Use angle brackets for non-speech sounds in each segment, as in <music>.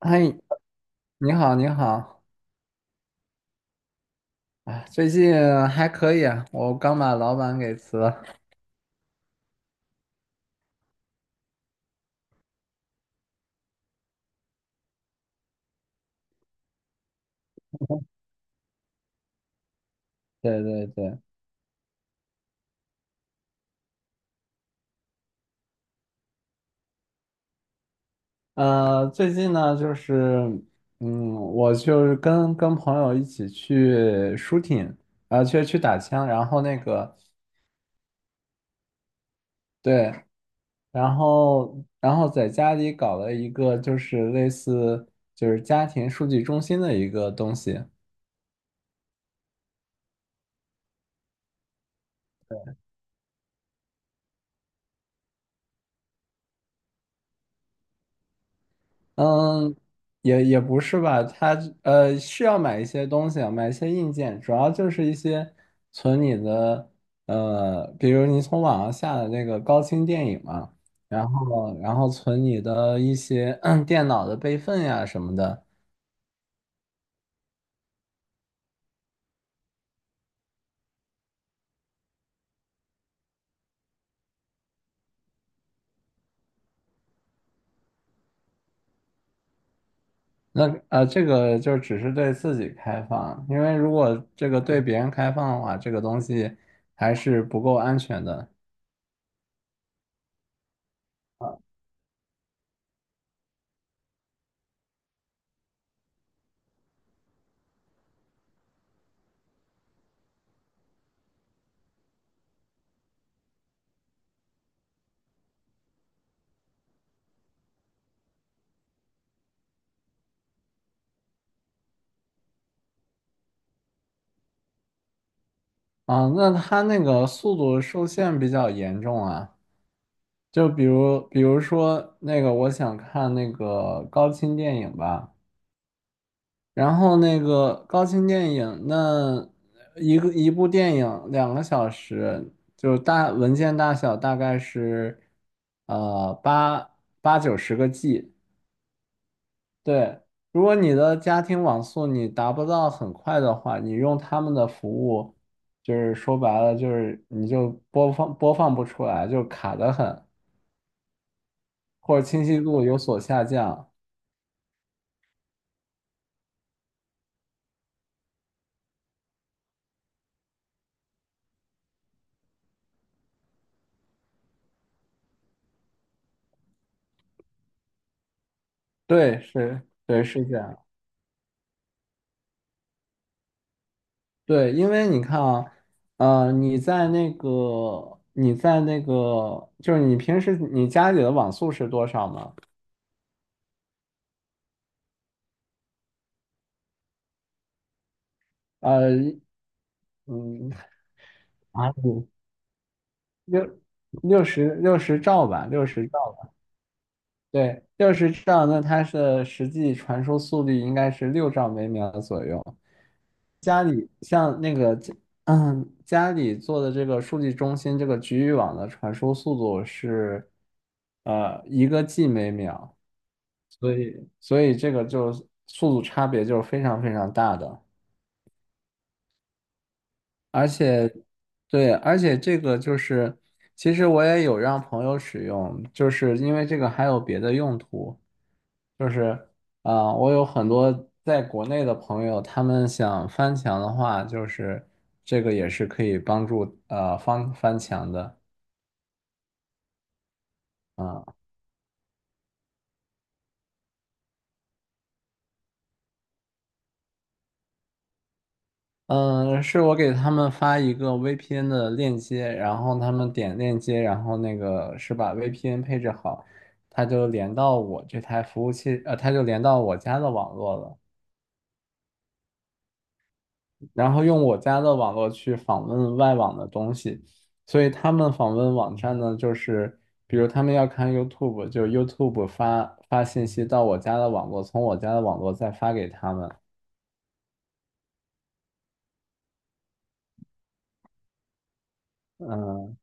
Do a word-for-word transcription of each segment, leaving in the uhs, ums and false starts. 嗨，你好，你好，啊，最近还可以啊，我刚把老板给辞了。<laughs> 对对对，呃，最近呢，就是，嗯，我就是跟跟朋友一起去 shooting，啊，呃去去打枪，然后那个，对，然后然后在家里搞了一个就是类似就是家庭数据中心的一个东西。嗯，也也不是吧，它呃是要买一些东西啊，买一些硬件，主要就是一些存你的呃，比如你从网上下的那个高清电影嘛，然后然后存你的一些 <clears throat> 电脑的备份呀什么的。那呃，这个就只是对自己开放，因为如果这个对别人开放的话，这个东西还是不够安全的啊。那它那个速度受限比较严重啊。就比如，比如说那个，我想看那个高清电影吧。然后那个高清电影，那一个一部电影两个小时，就大文件大小大概是呃八八九十个 G。对，如果你的家庭网速你达不到很快的话，你用他们的服务，就是说白了就是你就播放播放不出来，就卡得很，或者清晰度有所下降。对，是，对，是这样。对，因为你看啊，呃，你在那个，你在那个，就是你平时你家里的网速是多少吗？呃，嗯，啊，六六十六十兆吧，六十兆。对，六十兆，那它的实际传输速率应该是六兆每秒左右。家里像那个嗯，家里做的这个数据中心这个局域网的传输速度是，呃，一个 G 每秒，所以所以这个就是速度差别就是非常非常大的。而且，对，而且这个就是，其实我也有让朋友使用，就是因为这个还有别的用途，就是啊、呃我有很多在国内的朋友，他们想翻墙的话，就是这个也是可以帮助呃翻翻墙的啊。嗯，是我给他们发一个 V P N 的链接，然后他们点链接，然后那个是把 V P N 配置好，他就连到我这台服务器，呃，他就连到我家的网络了，然后用我家的网络去访问外网的东西，所以他们访问网站呢，就是比如他们要看 YouTube，就 YouTube 发发信息到我家的网络，从我家的网络再发给他们。嗯，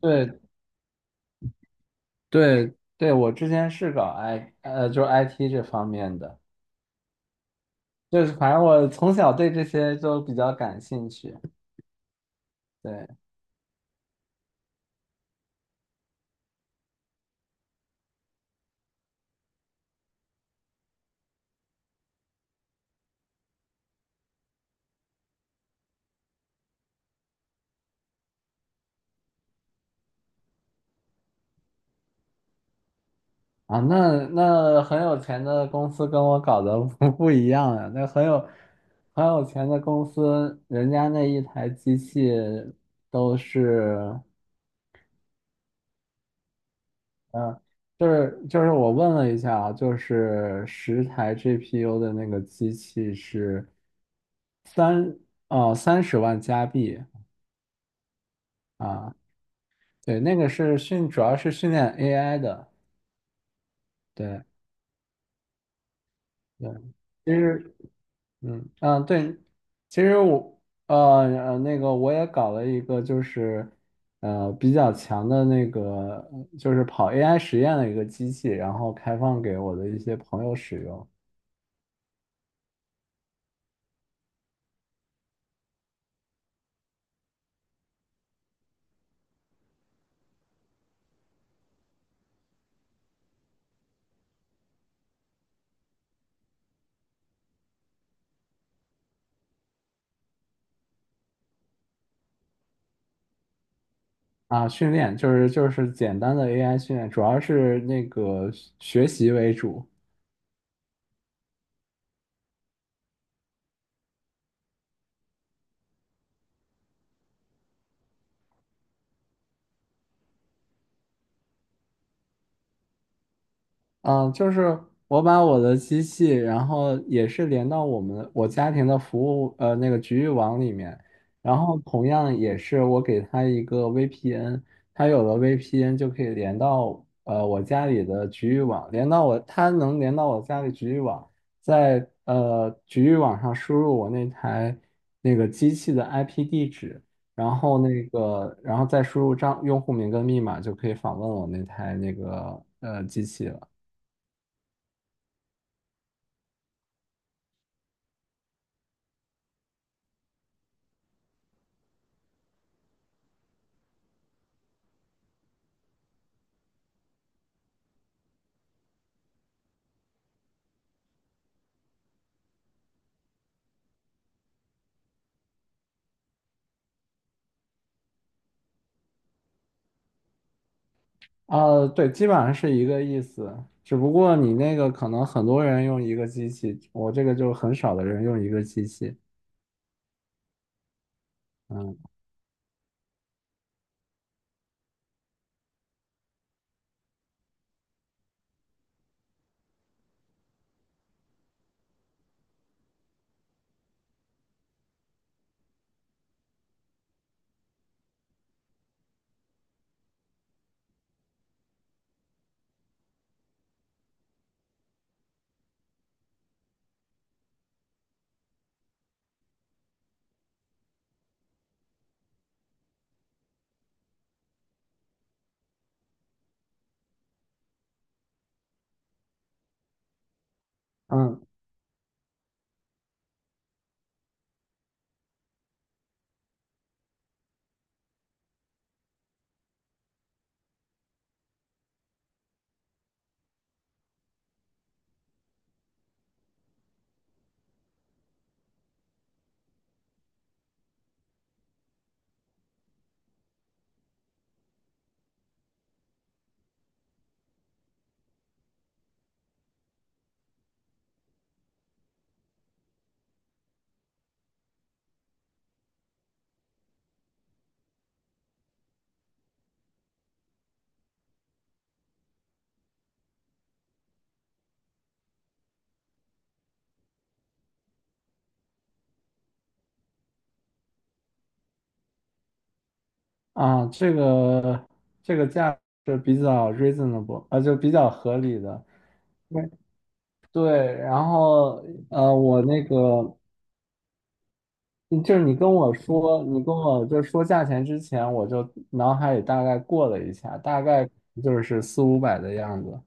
对，对对，我之前是搞 I 呃，就是 I T 这方面的，就是反正我从小对这些就比较感兴趣。对啊，那那很有钱的公司跟我搞的 <laughs> 不不一样啊，那很有很有钱的公司，人家那一台机器都是，嗯、就是就是我问了一下啊，就是十台 G P U 的那个机器是三哦三十万加币。啊，对，那个是训，主要是训练 A I 的。对对，其实，嗯嗯，对，其实我呃呃那个我也搞了一个，就是呃比较强的那个，就是跑 A I 实验的一个机器，然后开放给我的一些朋友使用啊，训练就是就是简单的 A I 训练，主要是那个学习为主。嗯，就是我把我的机器，然后也是连到我们我家庭的服务呃那个局域网里面，然后同样也是我给它一个 V P N，它有了 V P N 就可以连到呃我家里的局域网，连到我它能连到我家里局域网，在呃局域网上输入我那台那个机器的 I P 地址，然后那个然后再输入账用户名跟密码就可以访问我那台那个呃机器了。啊，对，基本上是一个意思，只不过你那个可能很多人用一个机器，我这个就很少的人用一个机器。嗯嗯啊，这个这个价是比较 reasonable，啊，就比较合理的。对对，然后呃，我那个嗯就是你跟我说，你跟我就说价钱之前，我就脑海里大概过了一下，大概就是四五百的样子。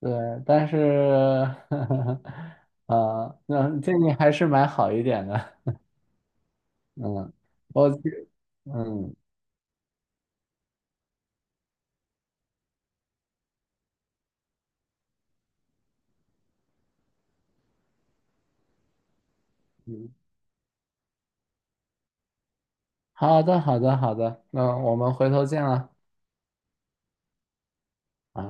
对，但是，<laughs> 啊，那建议还是买好一点的。嗯，我，嗯嗯，好的，好的，好的，那我们回头见了。啊。